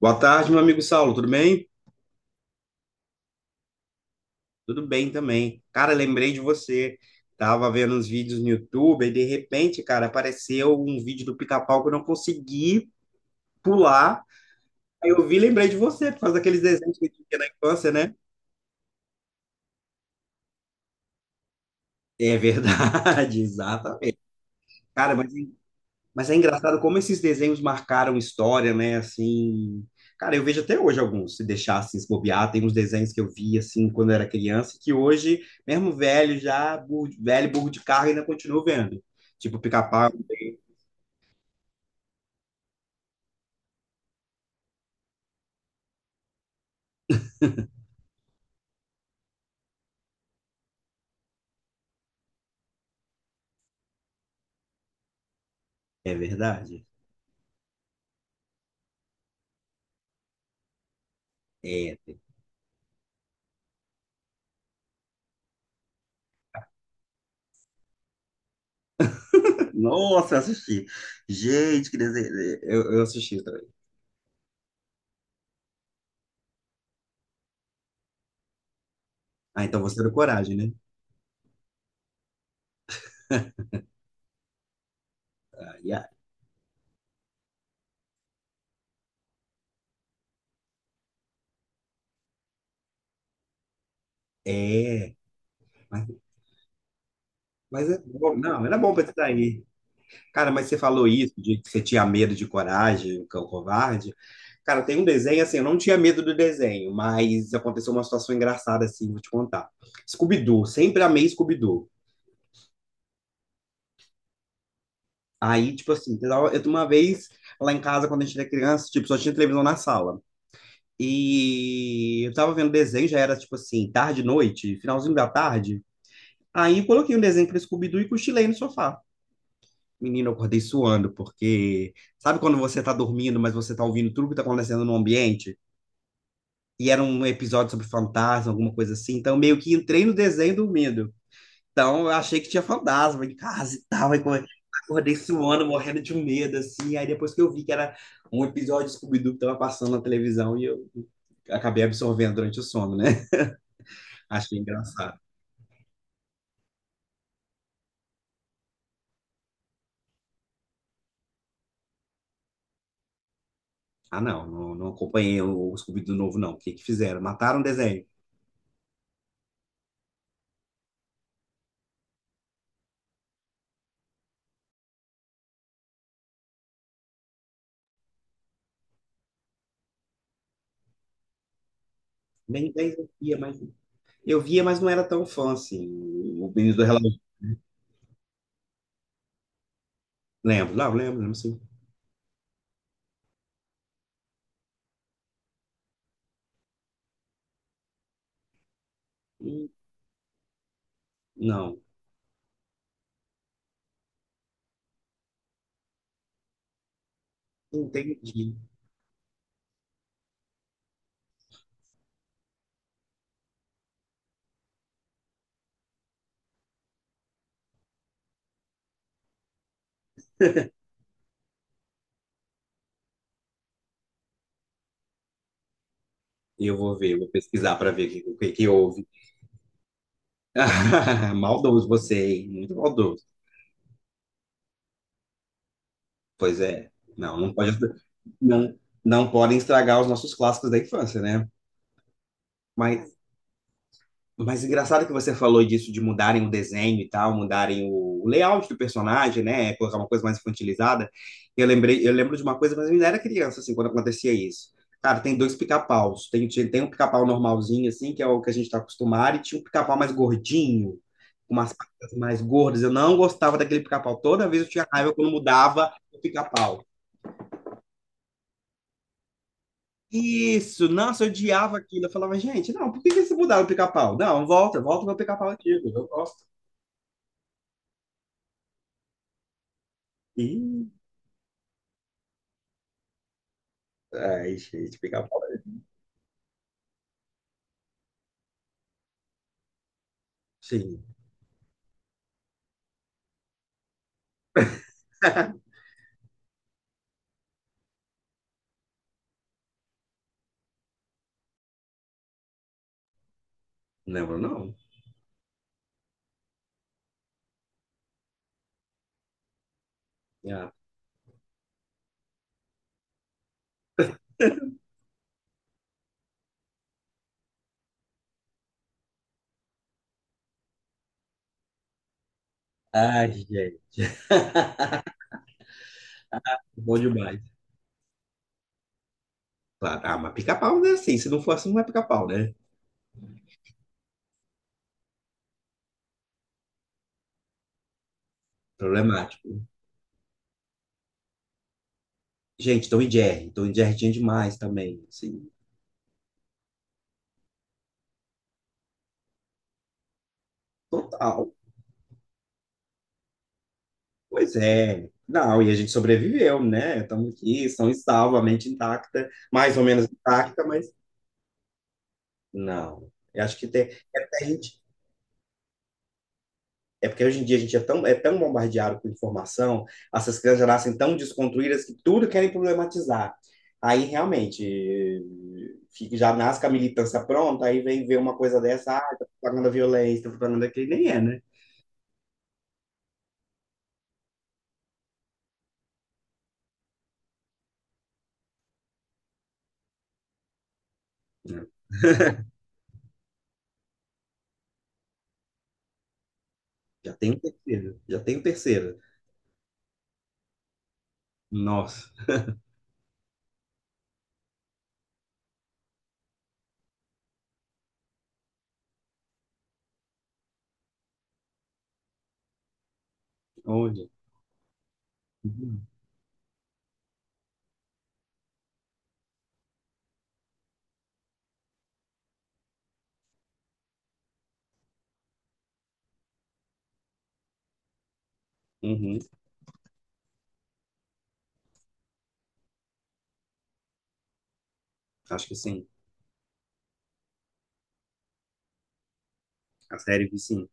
Boa tarde, meu amigo Saulo, tudo bem? Tudo bem também. Cara, lembrei de você. Tava vendo uns vídeos no YouTube e de repente, cara, apareceu um vídeo do Pica-Pau que eu não consegui pular. Aí eu vi, e lembrei de você, por causa daqueles desenhos que a gente tinha na infância, né? É verdade, exatamente. Cara, mas é engraçado como esses desenhos marcaram história, né? Assim, cara, eu vejo até hoje alguns, se deixassem se bobear, tem uns desenhos que eu vi assim quando eu era criança, que hoje, mesmo velho, já burro, velho, burro de carga, ainda continuo vendo. Tipo Pica-Pau. É verdade. É. Nossa, eu assisti. Gente, que desenho. Eu assisti também. Ah, então você deu coragem, né? Ah, yeah. É. Mas, mas é bom. Não, era bom pra isso daí. Cara, mas você falou isso de que você tinha medo de coragem, o cão covarde. Cara, tem um desenho assim, eu não tinha medo do desenho, mas aconteceu uma situação engraçada assim, vou te contar. Scooby-Doo, sempre amei Scooby-Doo. Aí, tipo assim, eu uma vez lá em casa, quando a gente era criança, tipo, só tinha televisão na sala. E eu tava vendo desenho, já era tipo assim, tarde, noite, finalzinho da tarde. Aí eu coloquei um desenho pra Scooby-Doo e cochilei no sofá. Menina, eu acordei suando, porque sabe quando você tá dormindo, mas você tá ouvindo tudo que tá acontecendo no ambiente? E era um episódio sobre fantasma, alguma coisa assim. Então, eu meio que entrei no desenho dormindo. Então, eu achei que tinha fantasma em casa e tal. Aí, acordei suando, morrendo de um medo, assim. Aí, depois que eu vi que era um episódio de Scooby-Doo que tava passando na televisão, e eu acabei absorvendo durante o sono, né? Achei engraçado. Ah, não, não, não acompanhei o Scooby-Doo novo, não. O que que fizeram? Mataram o desenho. Nem 10 dias, mas. Eu via, mas não era tão fã assim. O Menino do Relógio. Lembro, não, lembro, lembro assim. Hum. Não, entendi. Eu vou ver, vou pesquisar para ver o que que houve. Maldoso você, hein? Muito maldoso. Pois é. Não, não pode, não, não podem estragar os nossos clássicos da infância, né? Mas Mas engraçado que você falou disso de mudarem o desenho e tal, mudarem o layout do personagem, né? Colocar uma coisa mais infantilizada. Eu lembrei, eu lembro de uma coisa, mas eu ainda era criança, assim, quando acontecia isso. Cara, tem dois pica-paus. Tem um pica-pau normalzinho, assim, que é o que a gente tá acostumado, e tinha um pica-pau mais gordinho, com umas patas mais gordas. Eu não gostava daquele pica-pau. Toda vez eu tinha raiva quando mudava o pica-pau. Isso, nossa, eu odiava aquilo. Eu falava, gente, não, por que que eles mudaram o pica-pau? Não, volta, volta o meu pica-pau antigo, eu gosto. Ai, gente, pica-pau. Sim. Lembro, não. Ah, ai, gente, bom demais. Claro. Ah, mas pica-pau, né? Assim, se não for assim, não é pica-pau, né? Problemático. Gente, Tom e Jerry. Tom e Jerry tinha demais também. Assim, total. Pois é. Não, e a gente sobreviveu, né? Estamos aqui, são e salvo, a mente intacta, mais ou menos intacta, mas não. Eu acho que tem, é até a gente. É porque hoje em dia a gente é tão bombardeado com informação, essas crianças já nascem tão desconstruídas que tudo querem problematizar. Aí realmente já nasce com a militância pronta, aí vem ver uma coisa dessa, ah, tá propagando violência, tá propagando aquele, nem é, né? Já tem o terceiro, já tem o terceiro. Nossa, olha. Uhum. Uhum. Acho que sim. A série vi sim.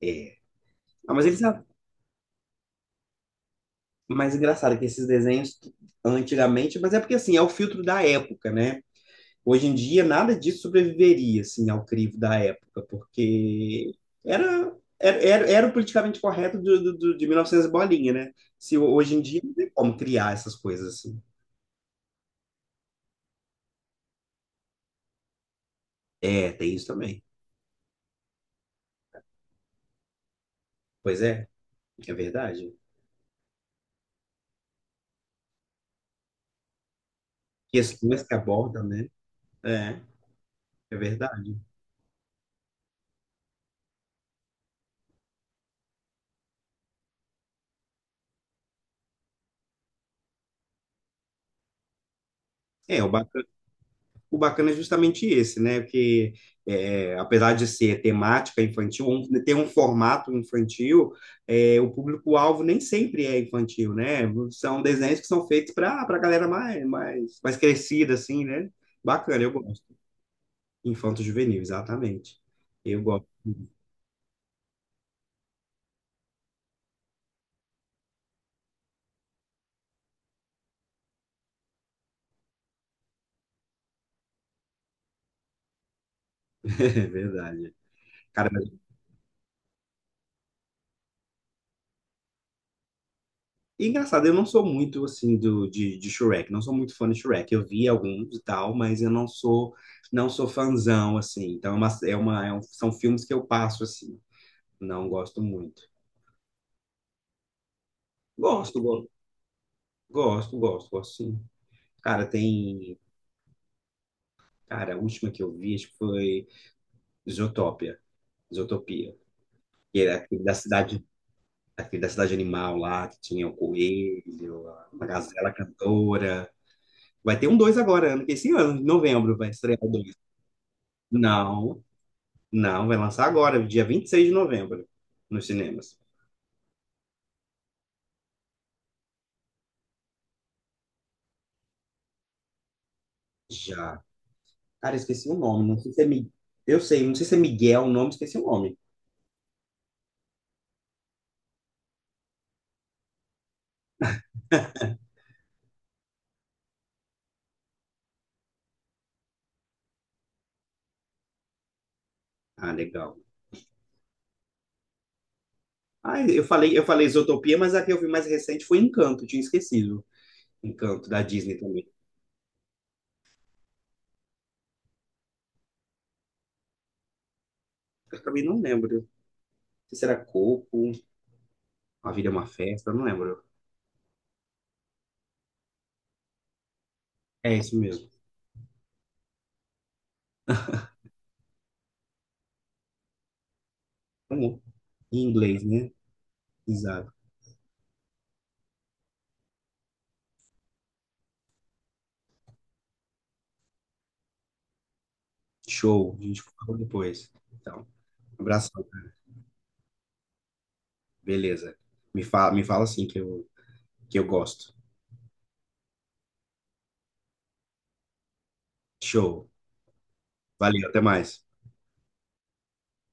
É. Ah, mas eles mas engraçado que esses desenhos antigamente, mas é porque assim, é o filtro da época, né? Hoje em dia, nada disso sobreviveria, assim, ao crivo da época, porque era o politicamente correto de 1900 bolinha, né? Se hoje em dia não tem como criar essas coisas assim. É, tem isso também. Pois é, é verdade. Questões que abordam, né? É, é verdade. É, o bacana é justamente esse, né? Que é, apesar de ser temática infantil, um, ter um formato infantil, é, o público-alvo nem sempre é infantil, né? São desenhos que são feitos para a galera mais, mais, mais crescida, assim, né? Bacana, eu gosto. Infanto-juvenil, exatamente. Eu gosto, é verdade. Cara, e engraçado, eu não sou muito assim do, de Shrek, não sou muito fã de Shrek. Eu vi alguns e tal, mas eu não sou não sou fãzão assim. Então são filmes que eu passo assim. Não gosto muito. Gosto, go- Gosto, gosto, gosto sim. Cara, tem, cara, a última que eu vi acho que foi Zootopia, Zootopia. Que era aquele da cidade animal lá que tinha o coelho, a gazela cantora. Vai ter um dois agora, ano que esse ano, em novembro, vai estrear o dois. Não, não, vai lançar agora, dia 26 de novembro, nos cinemas. Já. Cara, eu esqueci o nome. Não sei se é Mi... Eu sei, não sei se é Miguel o nome, esqueci o nome. Ah, legal. Ah, eu falei Zootopia, mas a que eu vi mais recente foi Encanto, tinha esquecido. Encanto, da Disney também. Eu também não lembro. Não sei se era Coco, A Vida é uma Festa, não lembro. É isso mesmo. Tá bom. Em inglês, né? Exato. Show. A gente fala depois. Então, abração. Beleza. Me fala assim que eu gosto. Show. Valeu, até mais.